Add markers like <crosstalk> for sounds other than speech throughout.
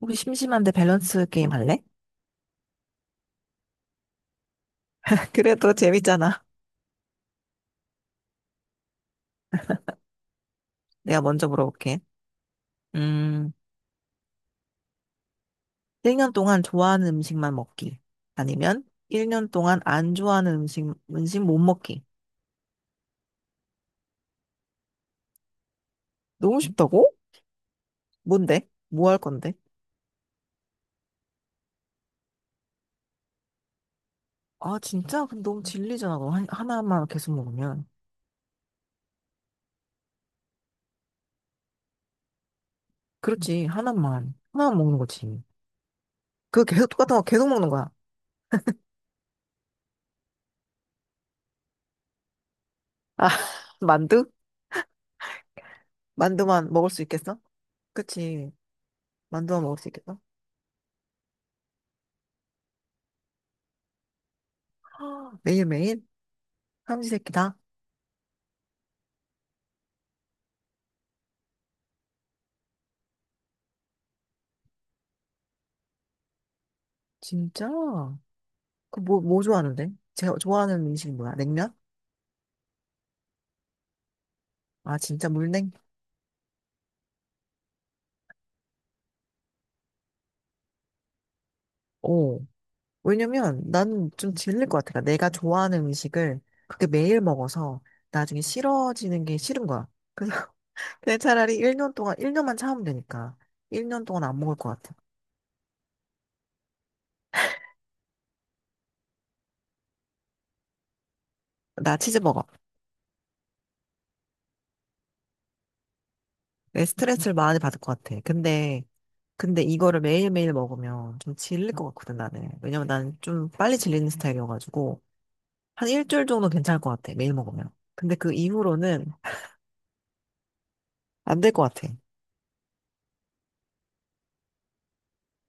우리 심심한데 밸런스 게임 할래? <laughs> 그래도 재밌잖아. 내가 먼저 물어볼게. 음, 1년 동안 좋아하는 음식만 먹기. 아니면 1년 동안 안 좋아하는 음식 못 먹기. 너무 쉽다고? 뭔데? 뭐 할 건데? 아, 진짜? 근데 너무 질리잖아. 그거 하나만 계속 먹으면. 그렇지, 하나만. 하나만 먹는 거지. 그거 계속 똑같은 거 계속 먹는 거야. 아, <laughs> 만두? 만두만 먹을 수 있겠어? 그치. 만두만 먹을 수 있겠어? <gasps> 매일매일? 삼시세끼다. 진짜? 그 뭐 좋아하는데? 제가 좋아하는 음식이 뭐야? 냉면? 아, 진짜 물냉? 오. 왜냐면 나는 좀 질릴 것 같아. 내가 좋아하는 음식을 그렇게 매일 먹어서 나중에 싫어지는 게 싫은 거야. 그래서 <laughs> 그냥 차라리 1년 동안, 1년만 참으면 되니까. 1년 동안 안 먹을 것 같아. 나 치즈버거. 내 스트레스를 많이 받을 것 같아. 근데 이거를 매일매일 먹으면 좀 질릴 것 같거든, 나는. 왜냐면 나는 좀 빨리 질리는 스타일이어가지고. 한 일주일 정도 괜찮을 것 같아. 매일 먹으면. 근데 그 이후로는 안 될 것 같아.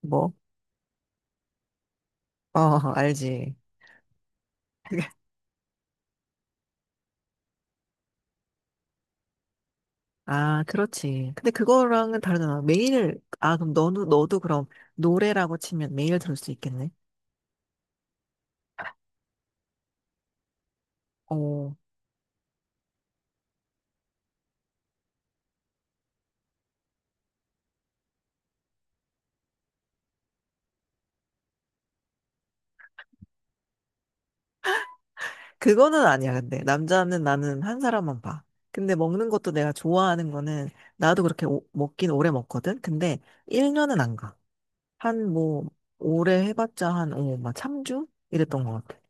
뭐? 어, <laughs> 알지. 아, 그렇지. 근데 그거랑은 다르잖아. 아, 그럼 너도 그럼 노래라고 치면 매일 들을 수 있겠네? 어, 그거는 아니야, 근데. 남자는 나는 한 사람만 봐. 근데 먹는 것도 내가 좋아하는 거는, 나도 그렇게 먹긴 오래 먹거든? 근데 1년은 안 가. 한 뭐, 오래 해봤자 한, 막 3주? 이랬던 것 같아.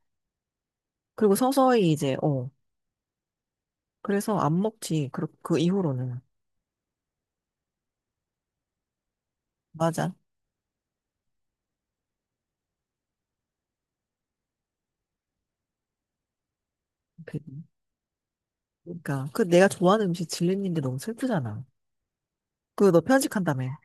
그리고 서서히 이제, 그래서 안 먹지. 그 이후로는. 맞아. 그, 그러니까 그 내가 좋아하는 음식 질리는 게 너무 슬프잖아. 그 너 편식한다며.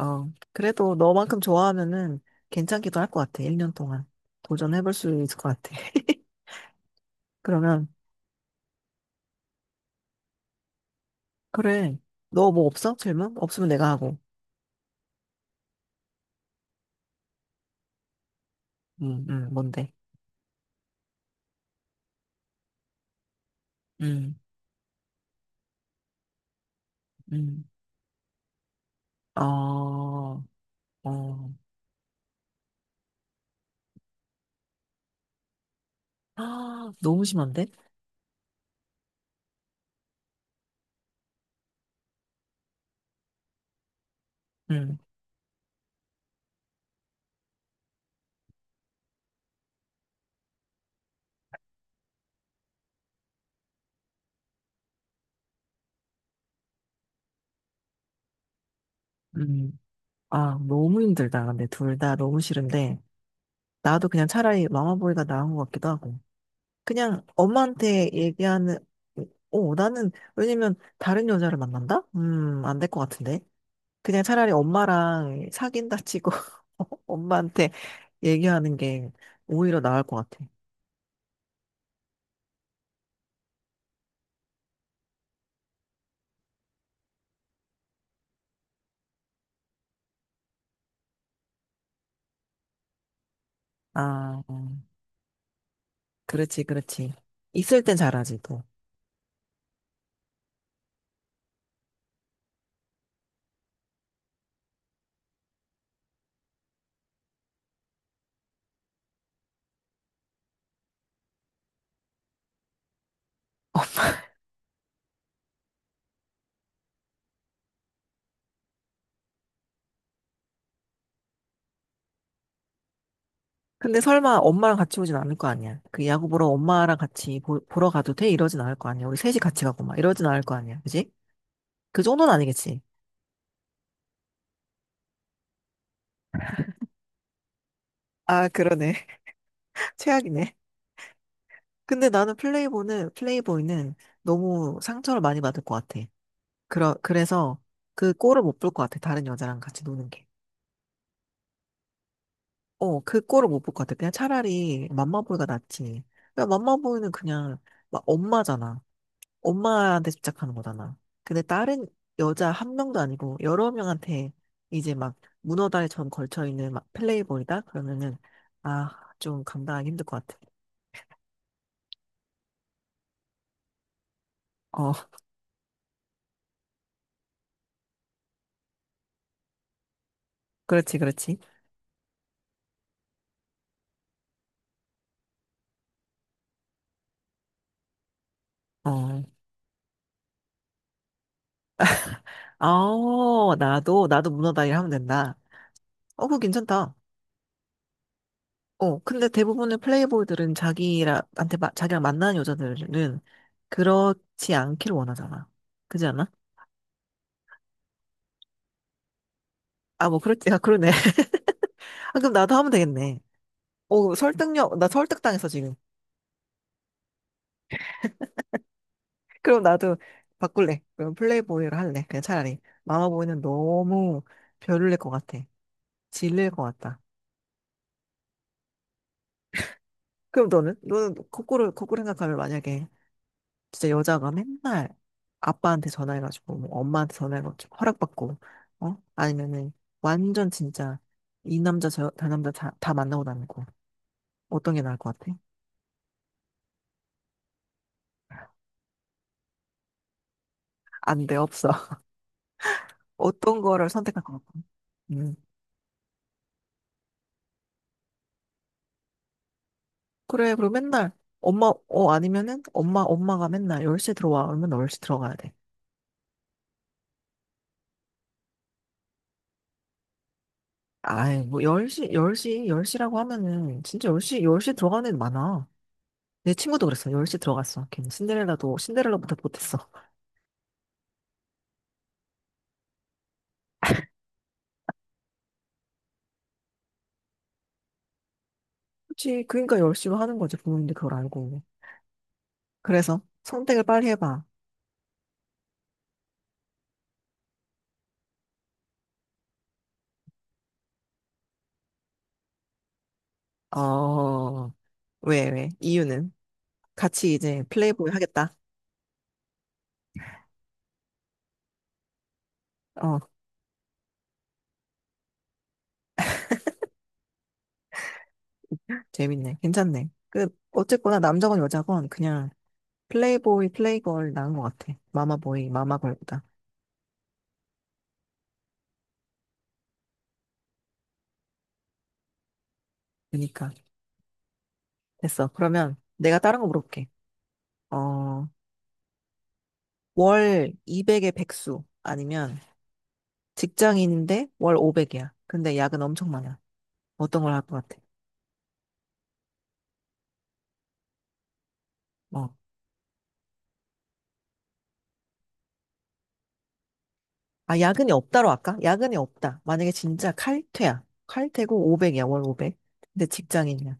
어, 그래도 너만큼 좋아하면은 괜찮기도 할 것 같아. 1년 동안 도전해볼 수 있을 것 같아. <laughs> 그러면 그래. 너 뭐 없어? 질문? 없으면 내가 하고. 뭔데? 음, 음. 어, 어. <gasps> 아, 너무 심한데? 음, 음. 아, 너무 힘들다. 근데 둘 다 너무 싫은데. 나도 그냥 차라리 마마보이가 나은 것 같기도 하고. 그냥 엄마한테 얘기하는, 나는, 왜냐면 다른 여자를 만난다? 안 될 것 같은데. 그냥 차라리 엄마랑 사귄다 치고 <laughs> 엄마한테 얘기하는 게 오히려 나을 것 같아. 아, 그렇지, 그렇지. 있을 땐 잘하지, 또. 근데 설마 엄마랑 같이 오진 않을 거 아니야. 그 야구 보러 엄마랑 같이 보러 가도 돼? 이러진 않을 거 아니야. 우리 셋이 같이 가고 막 이러진 않을 거 아니야. 그지? 그 정도는 아니겠지. 아, 그러네. 최악이네. 근데 나는 플레이보이는 너무 상처를 많이 받을 것 같아. 그래서 그 꼴을 못 볼 것 같아. 다른 여자랑 같이 노는 게. 어, 그 꼴을 못 볼 것 같아. 그냥 차라리 맘마보이가 낫지. 그냥 맘마보이는 그냥 막 엄마잖아. 엄마한테 집착하는 거잖아. 근데 다른 여자 한 명도 아니고 여러 명한테 이제 막 문어다리처럼 걸쳐있는 막 플레이보이다? 그러면은, 아, 좀 감당하기 힘들 것 같아. 어, <laughs> 그렇지, 그렇지. 어. 어, 나도 문어다이를 하면 된다. 어, 그거 괜찮다. 어, 근데 대부분의 플레이보이들은 자기한테, 라 자기랑 만나는 여자들은 그렇지 않기를 원하잖아. 그지 않아? 아, 뭐, 그렇지. 아, 그러네. <laughs> 아, 그럼 나도 하면 되겠네. 어, 설득력, 나 설득당했어, 지금. <laughs> 그럼 나도 바꿀래. 그럼 플레이보이를 할래. 그냥 차라리. 마마보이는 너무 별로일 것 같아. 질릴 것 같다. 그럼 너는? 너는 거꾸로 생각하면 만약에 진짜 여자가 맨날 아빠한테 전화해가지고 뭐 엄마한테 전화해가지고 허락받고 아니면은 완전 진짜 이 남자 저 남자 다 만나고 다니고 어떤 게 나을 것 같아? 안 돼 없어 <laughs> 어떤 거를 선택할 것 같아? 음 그래 그리고 맨날 엄마 어 아니면은 엄마가 맨날 10시에 들어와 그러면 10시 들어가야 돼? 아이 뭐 10시 열 시라고 하면은 진짜 10시 열 시 들어가는 애 많아. 내 친구도 그랬어. 10시 들어갔어. 걔는 신데렐라도 신데렐라보다 못했어. 그치. 그러니까 열심히 하는 거지, 부모님들 그걸 알고. 그래서 선택을 빨리 해봐. 어, 왜? 이유는? 같이 이제 플레이보이 하겠다. 어, 재밌네. 괜찮네. 그, 어쨌거나 남자건 여자건 그냥 플레이보이, 플레이걸 나은 것 같아. 마마보이, 마마걸보다. 그러니까. 됐어. 그러면 내가 다른 거 물어볼게. 어, 월 200의 백수 아니면 직장인인데 월 500이야. 근데 야근 엄청 많아. 어떤 걸 할 것 같아? 어. 아, 야근이 없다로 할까? 야근이 없다. 만약에 진짜 칼퇴야. 칼퇴고 500이야, 월 500. 근데 직장인이야.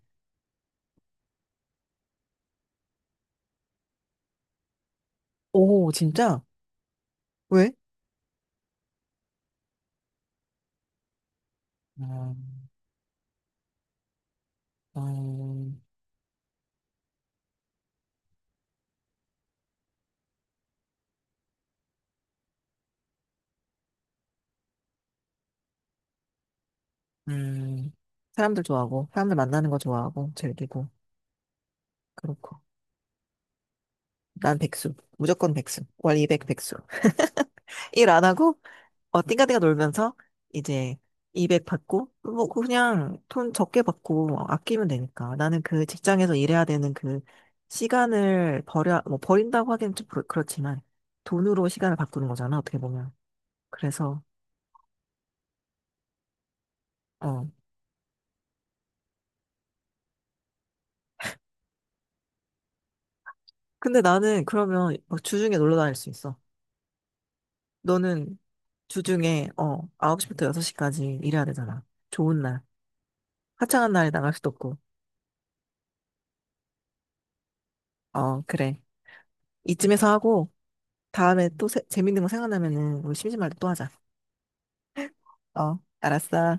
오, 진짜? 왜? 음, 음, 음, 사람들 좋아하고, 사람들 만나는 거 좋아하고, 즐기고, 그렇고. 난 백수. 무조건 백수. 월 200 백수. 일 안 하고, 띵가띵가 놀면서 이제 200 받고, 뭐, 그냥 돈 적게 받고 아끼면 되니까. 나는 그 직장에서 일해야 되는 그 시간을 버려, 뭐, 버린다고 하기엔 좀 그렇지만, 돈으로 시간을 바꾸는 거잖아, 어떻게 보면. 그래서, 어. 근데 나는 그러면 막 주중에 놀러 다닐 수 있어. 너는 주중에, 9시부터 6시까지 일해야 되잖아. 좋은 날. 화창한 날에 나갈 수도 없고. 어, 그래. 이쯤에서 하고, 다음에 또 재밌는 거 생각나면은 우리 심심할 때 또 하자. 어, 알았어.